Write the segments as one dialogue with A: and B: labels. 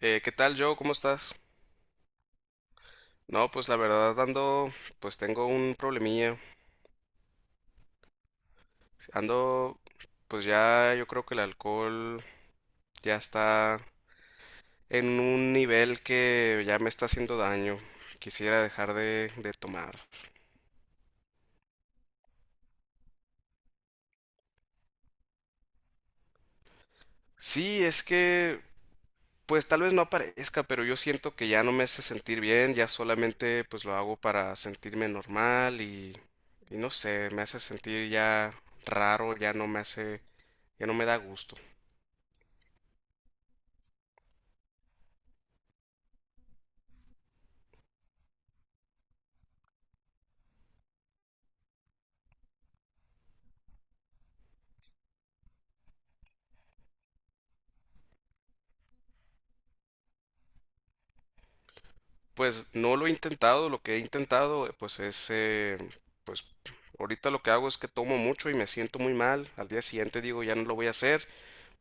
A: ¿Qué tal, Joe? ¿Cómo estás? No, pues la verdad ando, pues tengo un problemilla. Ando, pues ya yo creo que el alcohol ya está en un nivel que ya me está haciendo daño. Quisiera dejar de tomar. Sí, es que, pues tal vez no aparezca, pero yo siento que ya no me hace sentir bien, ya solamente pues lo hago para sentirme normal y no sé, me hace sentir ya raro, ya no me hace, ya no me da gusto. Pues no lo he intentado, lo que he intentado pues es, pues ahorita lo que hago es que tomo mucho y me siento muy mal, al día siguiente digo ya no lo voy a hacer,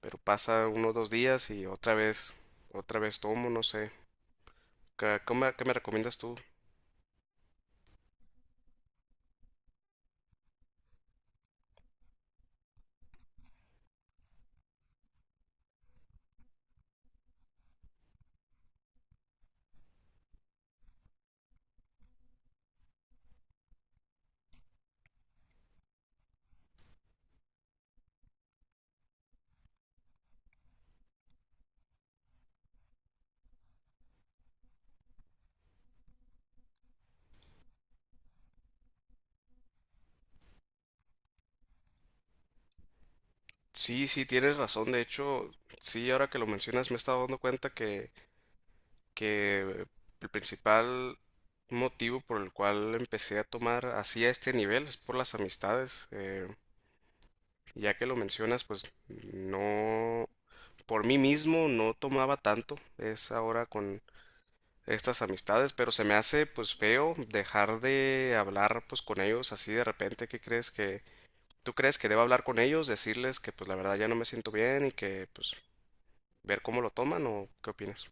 A: pero pasa unos dos días y otra vez tomo, no sé, ¿qué, qué me recomiendas tú? Sí, sí, tienes razón, de hecho, sí, ahora que lo mencionas me he estado dando cuenta que el principal motivo por el cual empecé a tomar así a este nivel es por las amistades. Ya que lo mencionas, pues no, por mí mismo no tomaba tanto, es ahora con estas amistades, pero se me hace pues feo dejar de hablar pues con ellos así de repente. ¿Qué crees que Tú crees que debo hablar con ellos, decirles que pues la verdad ya no me siento bien y que pues ver cómo lo toman o qué opinas?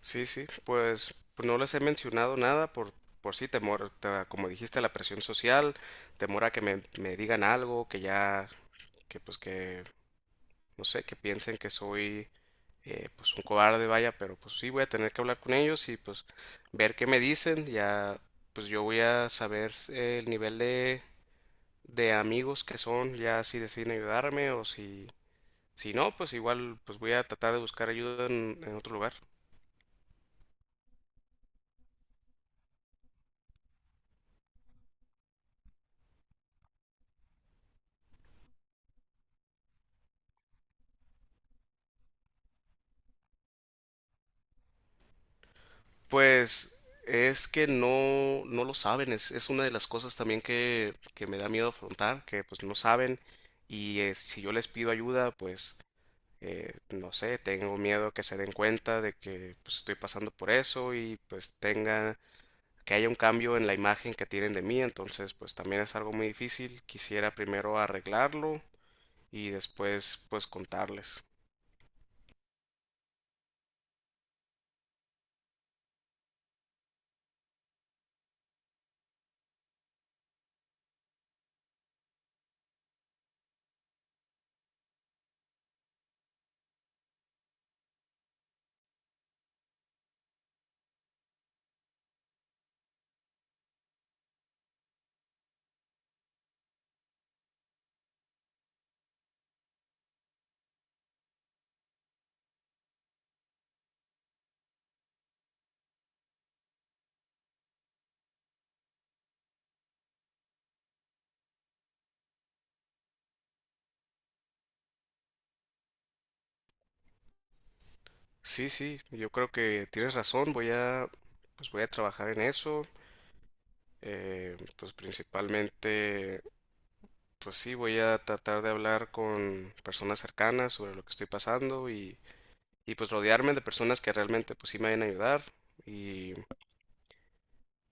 A: Sí, sí, pues, no les he mencionado nada por sí temor, como dijiste, la presión social, temor a que me digan algo, que ya que pues que no sé, que piensen que soy pues un cobarde, vaya, pero pues sí voy a tener que hablar con ellos y pues ver qué me dicen, ya pues yo voy a saber el nivel de amigos que son, ya si deciden ayudarme o si, si no, pues igual pues voy a tratar de buscar ayuda en otro lugar. Pues es que no, no lo saben, es una de las cosas también que me da miedo afrontar, que pues no saben y si yo les pido ayuda, pues no sé, tengo miedo que se den cuenta de que pues, estoy pasando por eso y pues tenga que haya un cambio en la imagen que tienen de mí, entonces pues también es algo muy difícil. Quisiera primero arreglarlo y después pues contarles. Sí, sí, yo creo que tienes razón, voy a pues voy a trabajar en eso. Pues principalmente pues sí, voy a tratar de hablar con personas cercanas sobre lo que estoy pasando y pues rodearme de personas que realmente pues sí me vayan a ayudar y,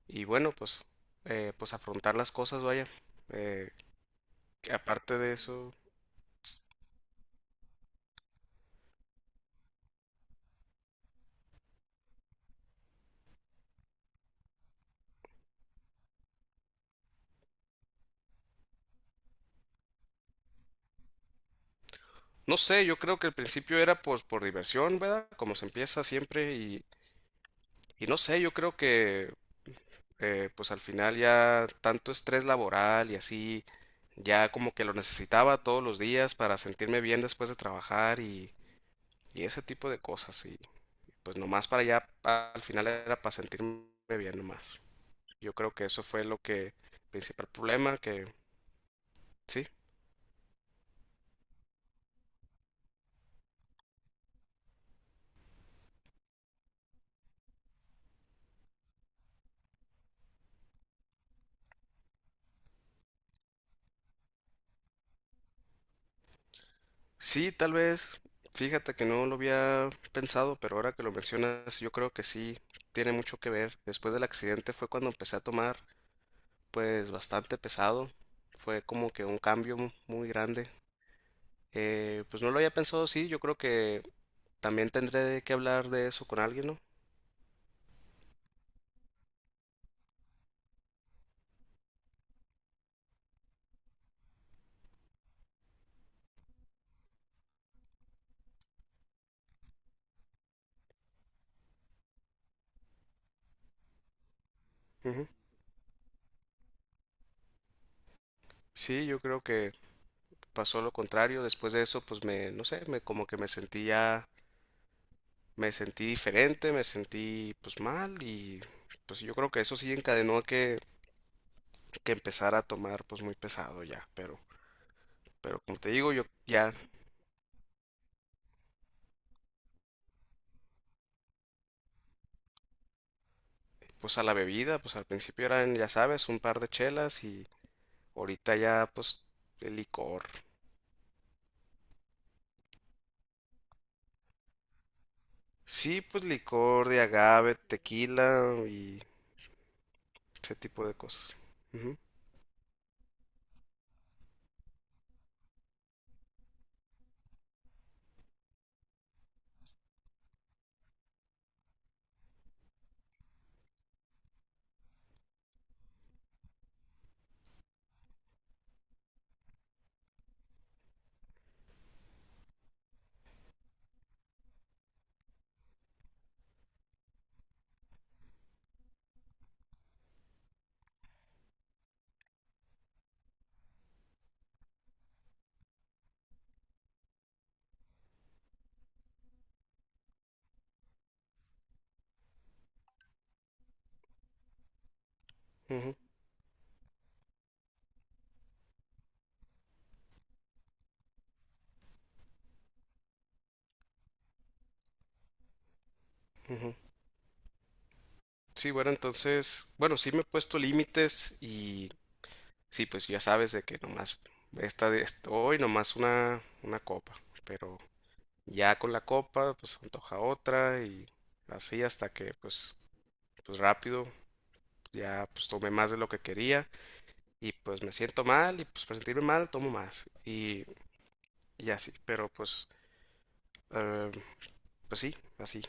A: y bueno, pues, pues afrontar las cosas, vaya. Eh, Aparte de eso, no sé, yo creo que al principio era pues por diversión, ¿verdad? Como se empieza siempre y no sé, yo creo que pues al final ya tanto estrés laboral y así, ya como que lo necesitaba todos los días para sentirme bien después de trabajar y ese tipo de cosas y pues nomás para allá al final era para sentirme bien nomás. Yo creo que eso fue lo que, principal problema, que sí, sí, tal vez, fíjate que no lo había pensado, pero ahora que lo mencionas, yo creo que sí, tiene mucho que ver. Después del accidente fue cuando empecé a tomar, pues, bastante pesado. Fue como que un cambio muy grande. Pues no lo había pensado, sí, yo creo que también tendré que hablar de eso con alguien, ¿no? Ujú. Sí, yo creo que pasó lo contrario. Después de eso, pues me, no sé, me como que me sentí diferente, me sentí pues mal y pues yo creo que eso sí encadenó a que empezara a tomar pues muy pesado ya, pero como te digo, yo ya pues a la bebida, pues al principio eran, ya sabes, un par de chelas y ahorita ya pues el licor. Sí, pues licor de agave, tequila y ese tipo de cosas. Ujú, ujú, ujú. Sí, bueno, entonces, bueno, sí me he puesto límites y sí, pues ya sabes de que nomás hoy nomás una copa, pero ya con la copa pues se antoja otra y así hasta que pues pues rápido ya pues tomé más de lo que quería y pues me siento mal y pues para sentirme mal tomo más y así, pero pues eh, pues sí, así.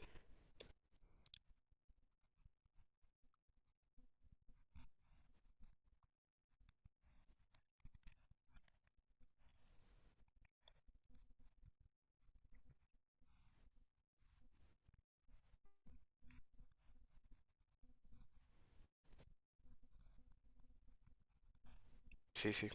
A: Sí, sí.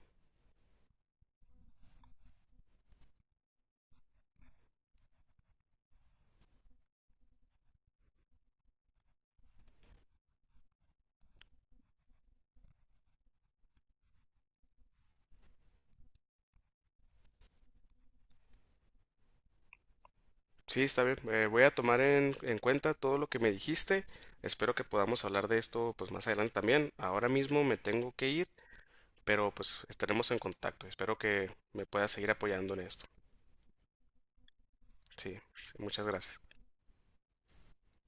A: Sí, está bien. Voy a tomar en cuenta todo lo que me dijiste. Espero que podamos hablar de esto pues más adelante también. Ahora mismo me tengo que ir. Pero pues estaremos en contacto. Espero que me puedas seguir apoyando en esto. Sí, sí, muchas gracias.